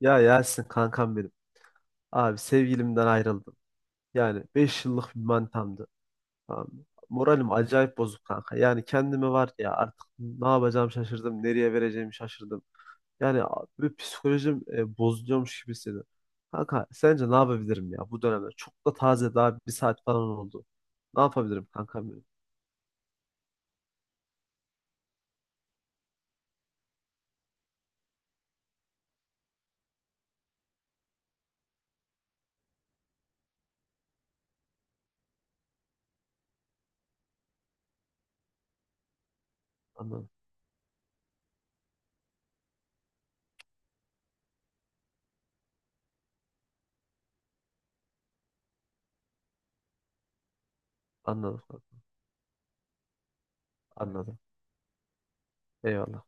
Ya Yasin kankam benim. Abi sevgilimden ayrıldım. Yani 5 yıllık bir mantamdı. Tamam mı? Moralim acayip bozuk kanka. Yani kendimi var ya artık ne yapacağım şaşırdım. Nereye vereceğimi şaşırdım. Yani bir psikolojim bozuluyormuş gibi hissediyorum. Kanka sence ne yapabilirim ya bu dönemde? Çok da taze, daha bir saat falan oldu. Ne yapabilirim kankam benim? Anladım. Anladım, kankam. Anladım. Eyvallah.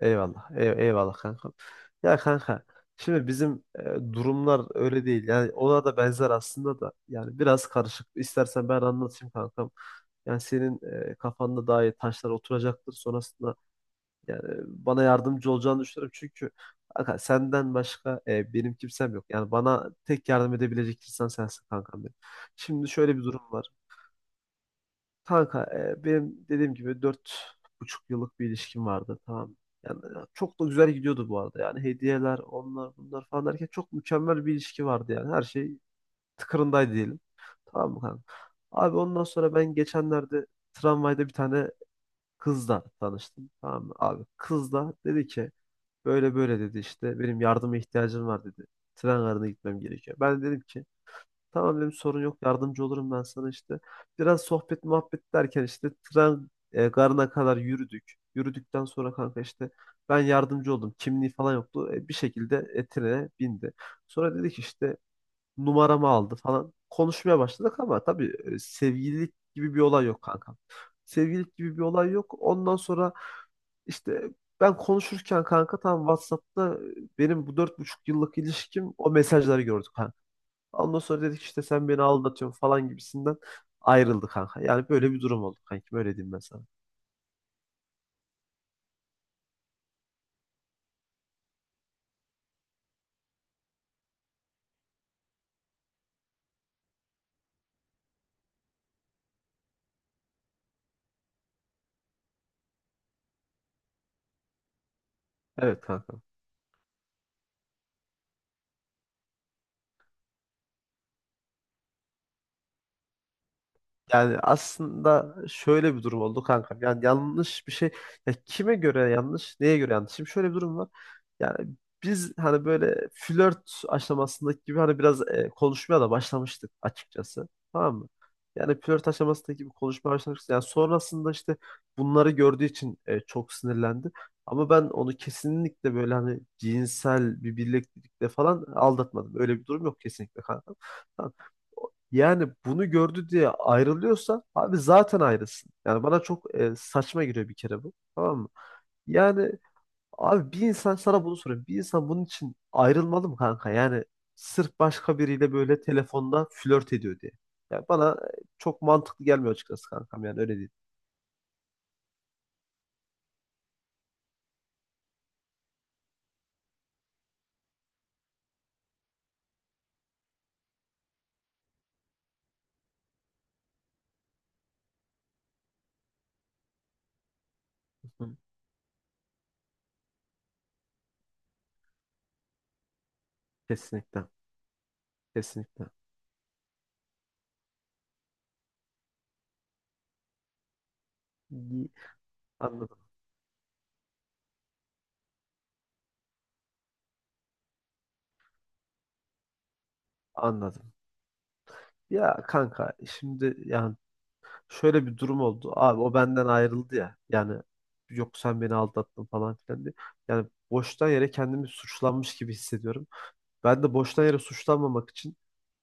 Eyvallah. Eyvallah kanka. Ya kanka, şimdi bizim durumlar öyle değil. Yani ona da benzer aslında da. Yani biraz karışık. İstersen ben anlatayım kankam. Yani senin kafanda daha iyi taşlar oturacaktır. Sonrasında yani bana yardımcı olacağını düşünüyorum. Çünkü kanka, senden başka benim kimsem yok. Yani bana tek yardım edebilecek insan sensin kankam benim. Şimdi şöyle bir durum var. Kanka, benim dediğim gibi 4,5 yıllık bir ilişkim vardı, tamam mı? Yani çok da güzel gidiyordu bu arada, yani hediyeler onlar bunlar falan derken çok mükemmel bir ilişki vardı, yani her şey tıkırındaydı diyelim. Tamam mı kanka? Abi, ondan sonra ben geçenlerde tramvayda bir tane kızla tanıştım, tamam mı abi? Kız da dedi ki böyle böyle dedi, işte benim yardıma ihtiyacım var dedi. Tren garına gitmem gerekiyor. Ben de dedim ki tamam dedim, sorun yok, yardımcı olurum ben sana işte. Biraz sohbet muhabbet derken işte tren garına kadar yürüdük. Yürüdükten sonra kanka işte ben yardımcı oldum. Kimliği falan yoktu. Bir şekilde trene bindi. Sonra dedi ki işte numaramı aldı falan. Konuşmaya başladık, ama tabii sevgililik gibi bir olay yok kanka. Sevgililik gibi bir olay yok. Ondan sonra işte ben konuşurken kanka tam WhatsApp'ta benim bu 4,5 yıllık ilişkim o mesajları gördük. Ondan sonra dedik işte sen beni aldatıyorsun falan gibisinden ayrıldı kanka. Yani böyle bir durum oldu kankim, öyle diyeyim ben sana. Evet kanka. Yani aslında şöyle bir durum oldu kanka. Yani yanlış bir şey. Ya kime göre yanlış, neye göre yanlış? Şimdi şöyle bir durum var. Yani biz hani böyle flört aşamasındaki gibi hani biraz konuşmaya da başlamıştık açıkçası. Tamam mı? Yani flört aşamasındaki gibi konuşmaya başlamıştık. Yani sonrasında işte bunları gördüğü için çok sinirlendi. Ama ben onu kesinlikle böyle hani cinsel bir birliktelikle falan aldatmadım. Öyle bir durum yok kesinlikle kanka. Yani bunu gördü diye ayrılıyorsa abi zaten ayrılsın. Yani bana çok saçma geliyor bir kere bu. Tamam mı? Yani abi, bir insan sana bunu soruyor. Bir insan bunun için ayrılmalı mı kanka? Yani sırf başka biriyle böyle telefonda flört ediyor diye. Yani bana çok mantıklı gelmiyor açıkçası kankam. Yani öyle değil. Hı. Kesinlikle. Kesinlikle. İyi. Anladım. Anladım. Ya kanka, şimdi yani şöyle bir durum oldu. Abi o benden ayrıldı ya. Yani yok sen beni aldattın falan filan diye. Yani boştan yere kendimi suçlanmış gibi hissediyorum. Ben de boştan yere suçlanmamak için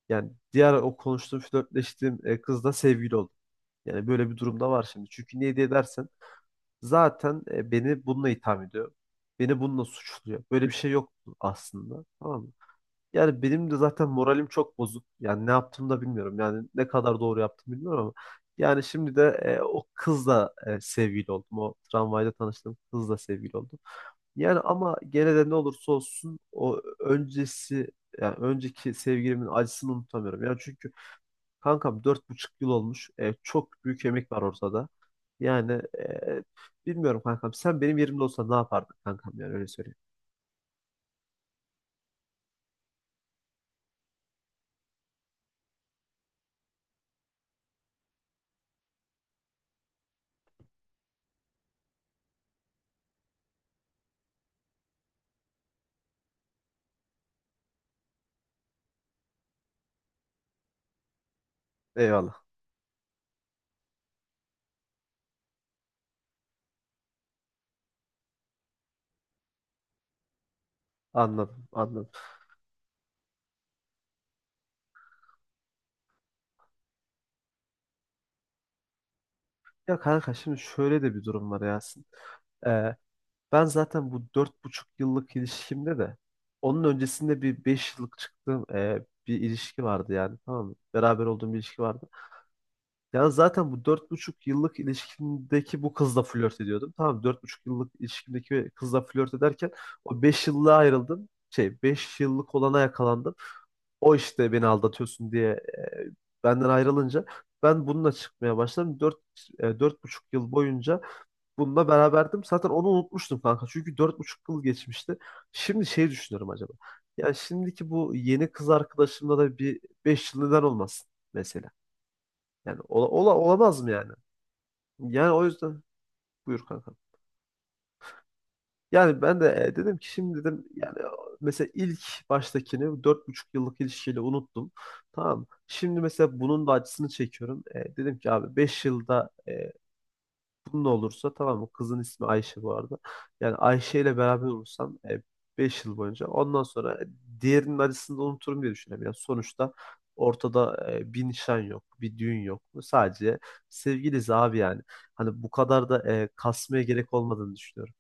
yani diğer o konuştuğum, flörtleştiğim kızla sevgili oldum. Yani böyle bir durumda var şimdi. Çünkü niye diye dersen zaten beni bununla itham ediyor. Beni bununla suçluyor. Böyle bir şey yok aslında. Tamam mı? Yani benim de zaten moralim çok bozuk. Yani ne yaptığımı da bilmiyorum. Yani ne kadar doğru yaptım bilmiyorum ama. Yani şimdi de o kızla sevgili oldum. O tramvayda tanıştığım kızla sevgili oldum. Yani ama gene de ne olursa olsun o öncesi, yani önceki sevgilimin acısını unutamıyorum. Yani çünkü kankam 4,5 yıl olmuş. Çok büyük emek var ortada. Yani e, bilmiyorum kankam. Sen benim yerimde olsan ne yapardın kankam, yani öyle söyleyeyim. Eyvallah. Anladım. Anladım. Ya kanka, şimdi şöyle de bir durum var Yasin. Ee, ben zaten bu 4,5 yıllık ilişkimde de onun öncesinde bir 5 yıllık çıktığım bir ilişki vardı yani, tamam mı? Beraber olduğum bir ilişki vardı. Ya zaten bu 4,5 yıllık ilişkimdeki bu kızla flört ediyordum. Tamam, 4,5 yıllık ilişkimdeki kızla flört ederken o 5 yıllığa ayrıldım. Şey, 5 yıllık olana yakalandım. O işte beni aldatıyorsun diye benden ayrılınca ben bununla çıkmaya başladım. Dört buçuk yıl boyunca bununla beraberdim. Zaten onu unutmuştum kanka. Çünkü 4,5 yıl geçmişti. Şimdi şey düşünüyorum acaba. Ya şimdiki bu yeni kız arkadaşımla da bir 5 yıl neden olmasın mesela. Yani olamaz mı yani? Yani o yüzden buyur kanka. Yani ben de dedim ki şimdi dedim yani mesela ilk baştakini 4,5 yıllık ilişkiyle unuttum. Tamam. Şimdi mesela bunun da acısını çekiyorum. Dedim ki abi 5 yılda bunun olursa, tamam mı? Kızın ismi Ayşe bu arada. Yani Ayşe ile beraber olursam 5 yıl boyunca ondan sonra diğerinin acısını da unuturum diye düşünüyorum. Yani sonuçta ortada bir nişan yok, bir düğün yok. Sadece sevgiliyiz abi yani. Hani bu kadar da kasmaya gerek olmadığını düşünüyorum.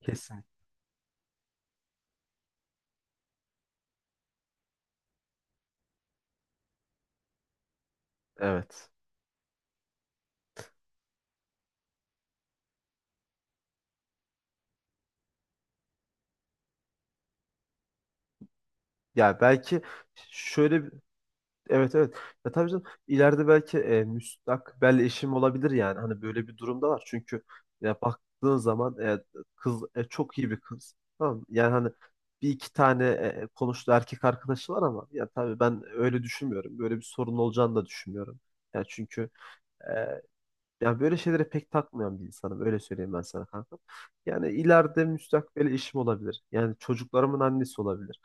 Kesin. Evet. Yani belki şöyle. Evet, evet. Ya tabii canım, ileride belki müstakbel eşim olabilir yani. Hani böyle bir durumda var. Çünkü ya baktığın zaman kız çok iyi bir kız. Tamam mı? Yani hani bir iki tane konuştuğu erkek arkadaşı var ama ya tabii ben öyle düşünmüyorum. Böyle bir sorun olacağını da düşünmüyorum. Ya çünkü e, ya böyle şeylere pek takmayan bir insanım. Öyle söyleyeyim ben sana kanka. Yani ileride müstakbel eşim olabilir. Yani çocuklarımın annesi olabilir.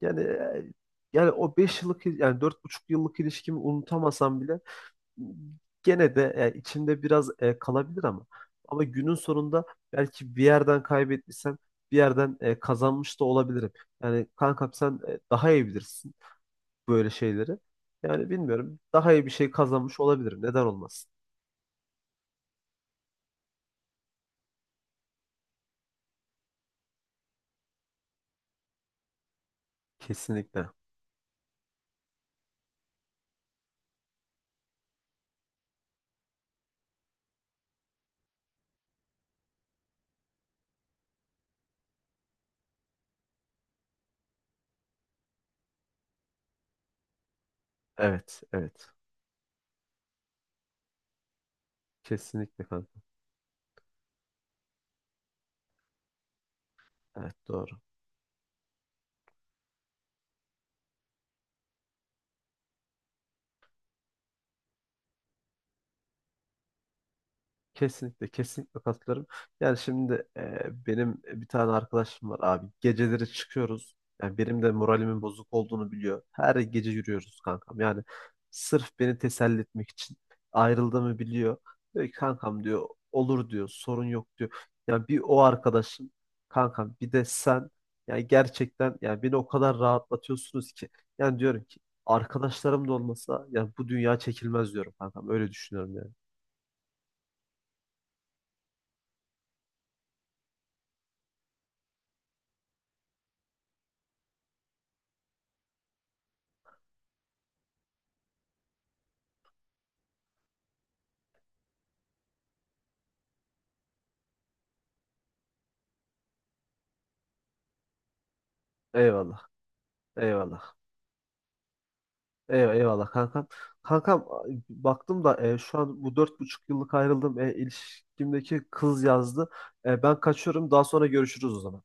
Yani e, yani o 5 yıllık, yani 4,5 yıllık ilişkimi unutamasam bile gene de içimde biraz kalabilir, ama günün sonunda belki bir yerden kaybettiysem bir yerden kazanmış da olabilirim. Yani kankam, sen daha iyi bilirsin böyle şeyleri. Yani bilmiyorum, daha iyi bir şey kazanmış olabilirim. Neden olmasın? Kesinlikle. Evet, evet. Kesinlikle kanka. Evet, doğru. Kesinlikle, kesinlikle katılıyorum. Yani şimdi benim bir tane arkadaşım var abi. Geceleri çıkıyoruz. Yani benim de moralimin bozuk olduğunu biliyor. Her gece yürüyoruz kankam. Yani sırf beni teselli etmek için ayrıldığımı biliyor. Diyor ki kankam diyor, olur diyor, sorun yok diyor. Yani bir o arkadaşım kankam, bir de sen, yani gerçekten yani beni o kadar rahatlatıyorsunuz ki. Yani diyorum ki arkadaşlarım da olmasa yani bu dünya çekilmez diyorum kankam. Öyle düşünüyorum yani. Eyvallah. Eyvallah. Eyvallah, eyvallah kankam. Kankam, baktım da şu an bu 4,5 yıllık ayrıldığım ilişkimdeki kız yazdı. Ben kaçıyorum, daha sonra görüşürüz o zaman.